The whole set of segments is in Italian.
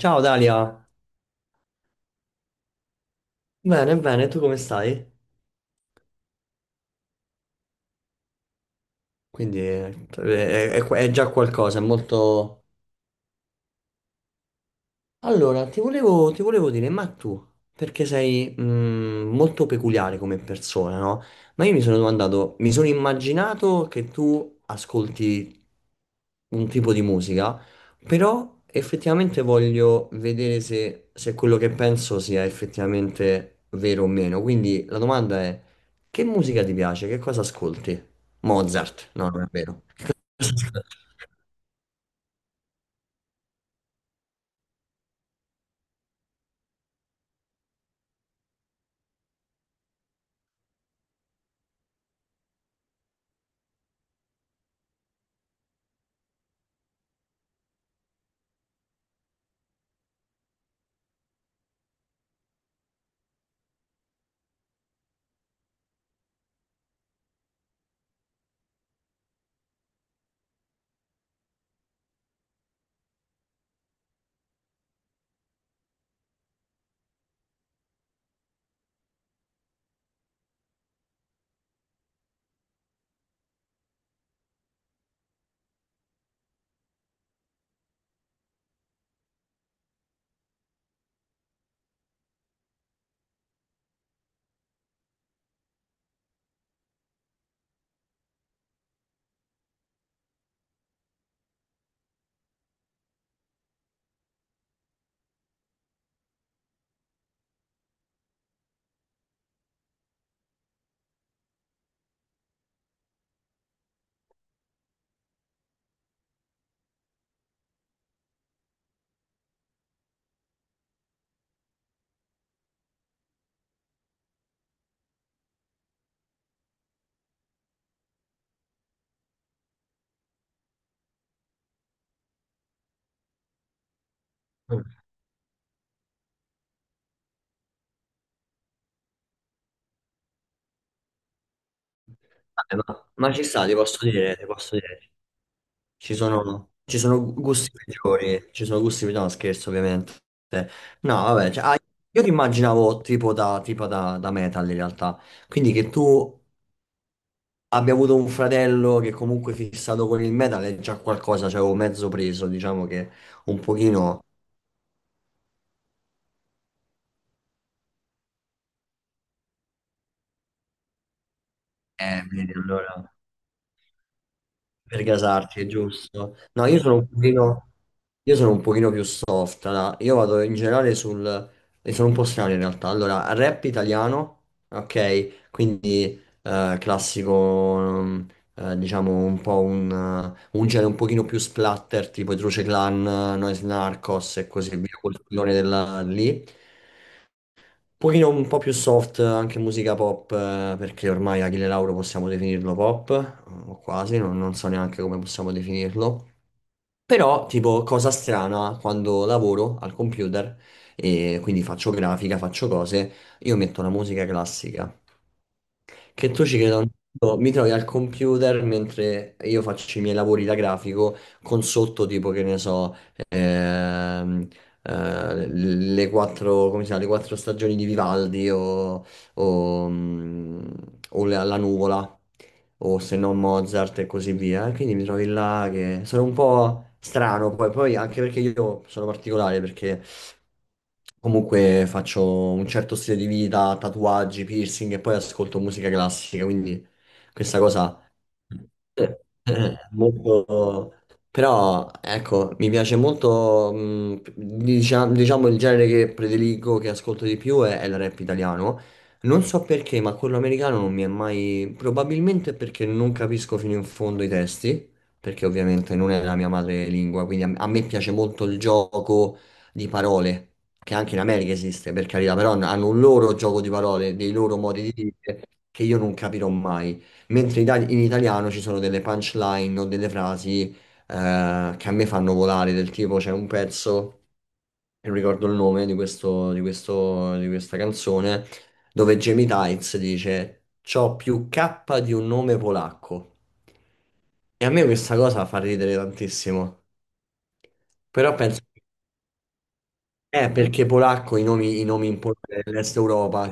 Ciao Dalia, bene, bene, tu come stai? Quindi è, è già qualcosa, è molto, allora, ti volevo dire, ma tu, perché sei molto peculiare come persona, no? Ma io mi sono domandato, mi sono immaginato che tu ascolti un tipo di musica, però effettivamente voglio vedere se, se quello che penso sia effettivamente vero o meno. Quindi la domanda è, che musica ti piace? Che cosa ascolti? Mozart? No, non è vero. Vabbè, ma ci sta, ti posso dire. Ci sono gusti peggiori, ci sono gusti peggiori, no scherzo ovviamente. No, vabbè, cioè, ah, io ti immaginavo tipo da, da metal in realtà, quindi che tu abbia avuto un fratello che comunque è fissato con il metal è già qualcosa, cioè avevo mezzo preso, diciamo che un pochino... vedi, allora... Per gasarci, è giusto. No, io sono un pochino, io sono un pochino più soft. Allora, io vado in generale sul... E sono un po' strano in realtà. Allora, rap italiano, ok? Quindi classico, diciamo, un po' un genere un pochino più splatter, tipo i Truce Clan, Noise Narcos e così via, quel lì pochino un po' più soft, anche musica pop, perché ormai Achille Lauro possiamo definirlo pop, o quasi, non, non so neanche come possiamo definirlo. Però, tipo, cosa strana, quando lavoro al computer e quindi faccio grafica, faccio cose, io metto la musica classica che tu ci creda o no, mi trovi al computer mentre io faccio i miei lavori da grafico con sotto tipo che ne so, ehm, le quattro, come si chiama, le quattro stagioni di Vivaldi o, o la, la nuvola o se no Mozart e così via. Quindi mi trovi là che sono un po' strano poi, poi anche perché io sono particolare perché comunque faccio un certo stile di vita, tatuaggi, piercing e poi ascolto musica classica, quindi questa cosa eh, molto... Però, ecco, mi piace molto, diciamo, il genere che prediligo, che ascolto di più è il rap italiano. Non so perché, ma quello americano non mi è mai... Probabilmente perché non capisco fino in fondo i testi, perché ovviamente non è la mia madrelingua, quindi a me piace molto il gioco di parole, che anche in America esiste, per carità, però hanno un loro gioco di parole, dei loro modi di dire che io non capirò mai. Mentre in italiano ci sono delle punchline o delle frasi che a me fanno volare, del tipo c'è un pezzo, non ricordo il nome di questo, di questa canzone, dove Jamie Tights dice c'ho più K di un nome polacco. E a me questa cosa fa ridere tantissimo. Però penso. Perché polacco i nomi, nell'est Europa,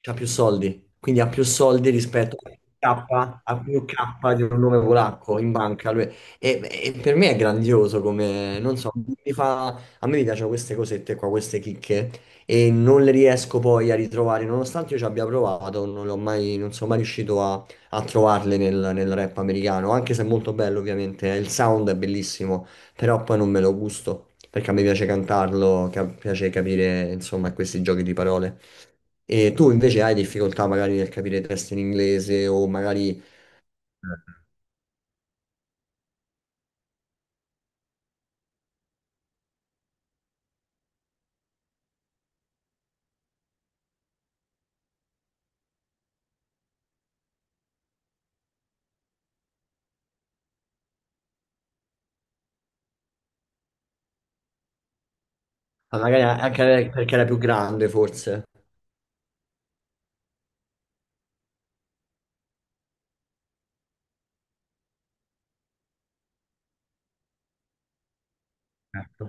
c'ha più soldi, quindi ha più soldi rispetto a K, ha più K di un nome polacco in banca. E per me è grandioso come, non so, a me mi piacciono queste cosette qua, queste chicche, e non le riesco poi a ritrovare, nonostante io ci abbia provato, non l'ho mai, non sono mai riuscito a, a trovarle nel, nel rap americano, anche se è molto bello ovviamente, il sound è bellissimo, però poi non me lo gusto. Perché a me piace cantarlo, piace capire, insomma, questi giochi di parole. E tu invece hai difficoltà magari nel capire testi in inglese o magari, ma magari anche perché era più grande forse. Ecco.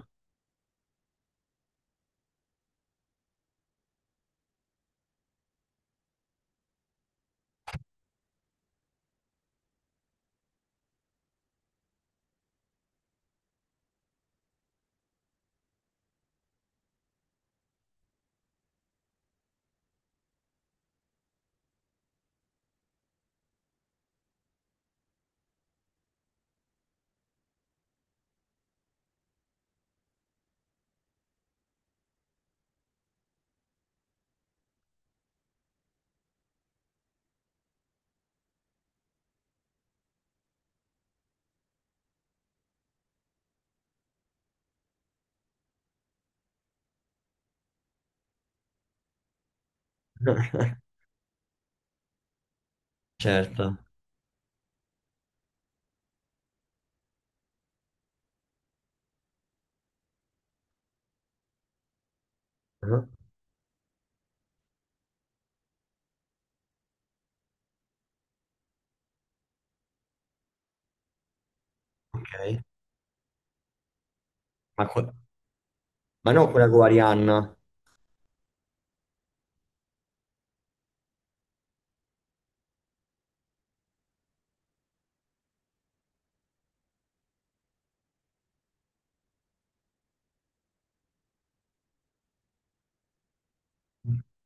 Certo. Mhm. Ok. Ma, ma non quella con Arianna,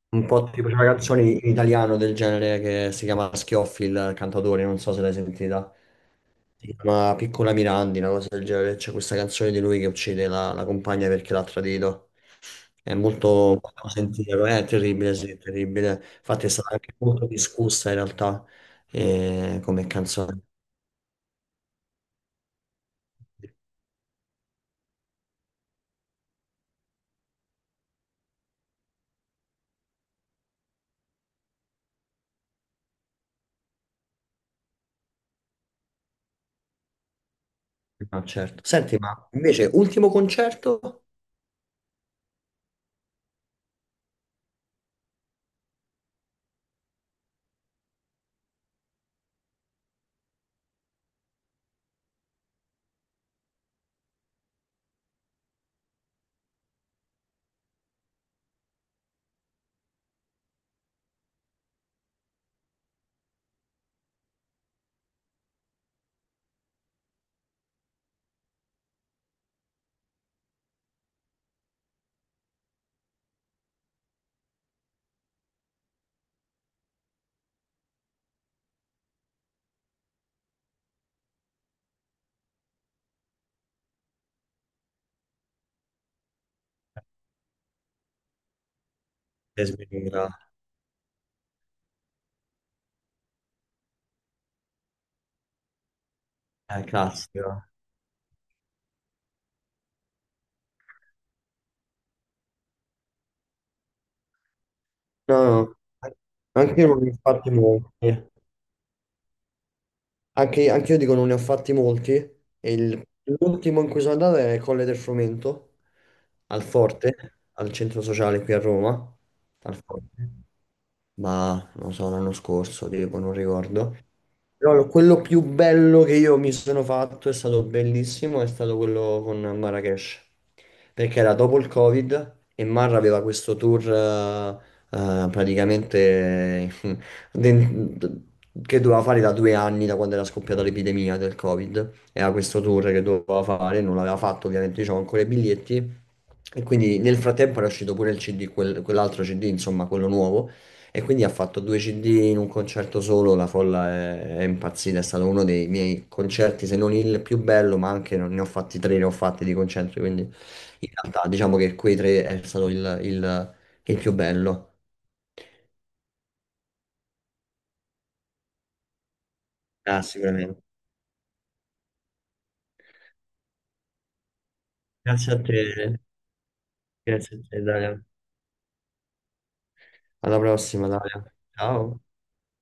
un po' tipo c'è una canzone in italiano del genere che si chiama Schioffi il cantatore, non so se l'hai sentita. Si chiama Piccola Mirandi, una cosa del genere. C'è questa canzone di lui che uccide la, la compagna perché l'ha tradito. È eh, molto poco sentiero, è terribile, sì, è terribile. Infatti è stata anche molto discussa in realtà come canzone. Ma certo. Senti, ma invece ultimo concerto? È sminuita, è classico. No, no, anche io non mi infatti molti. Anche, anche io dico non ne ho fatti molti. E l'ultimo in cui sono andato è Colle del Frumento, al Forte, al centro sociale qui a Roma, al Forte. Ma non so, l'anno scorso, tipo, non ricordo. Però quello più bello che io mi sono fatto è stato bellissimo, è stato quello con Marrakesh. Perché era dopo il Covid e Marra aveva questo tour praticamente den- che doveva fare da 2 anni, da quando era scoppiata l'epidemia del Covid. Era questo tour che doveva fare, non l'aveva fatto, ovviamente, diciamo, ancora i biglietti. E quindi nel frattempo era uscito pure il CD, quell'altro CD, insomma, quello nuovo. E quindi ha fatto 2 CD in un concerto solo, la folla è impazzita, è stato uno dei miei concerti, se non il più bello, ma anche ne ho fatti 3, ne ho fatti di concerti, quindi in realtà diciamo che quei 3 è stato il più bello. Ah, sicuramente. Grazie a te. Grazie a te, Dalia. Alla prossima, Dalia. Ciao.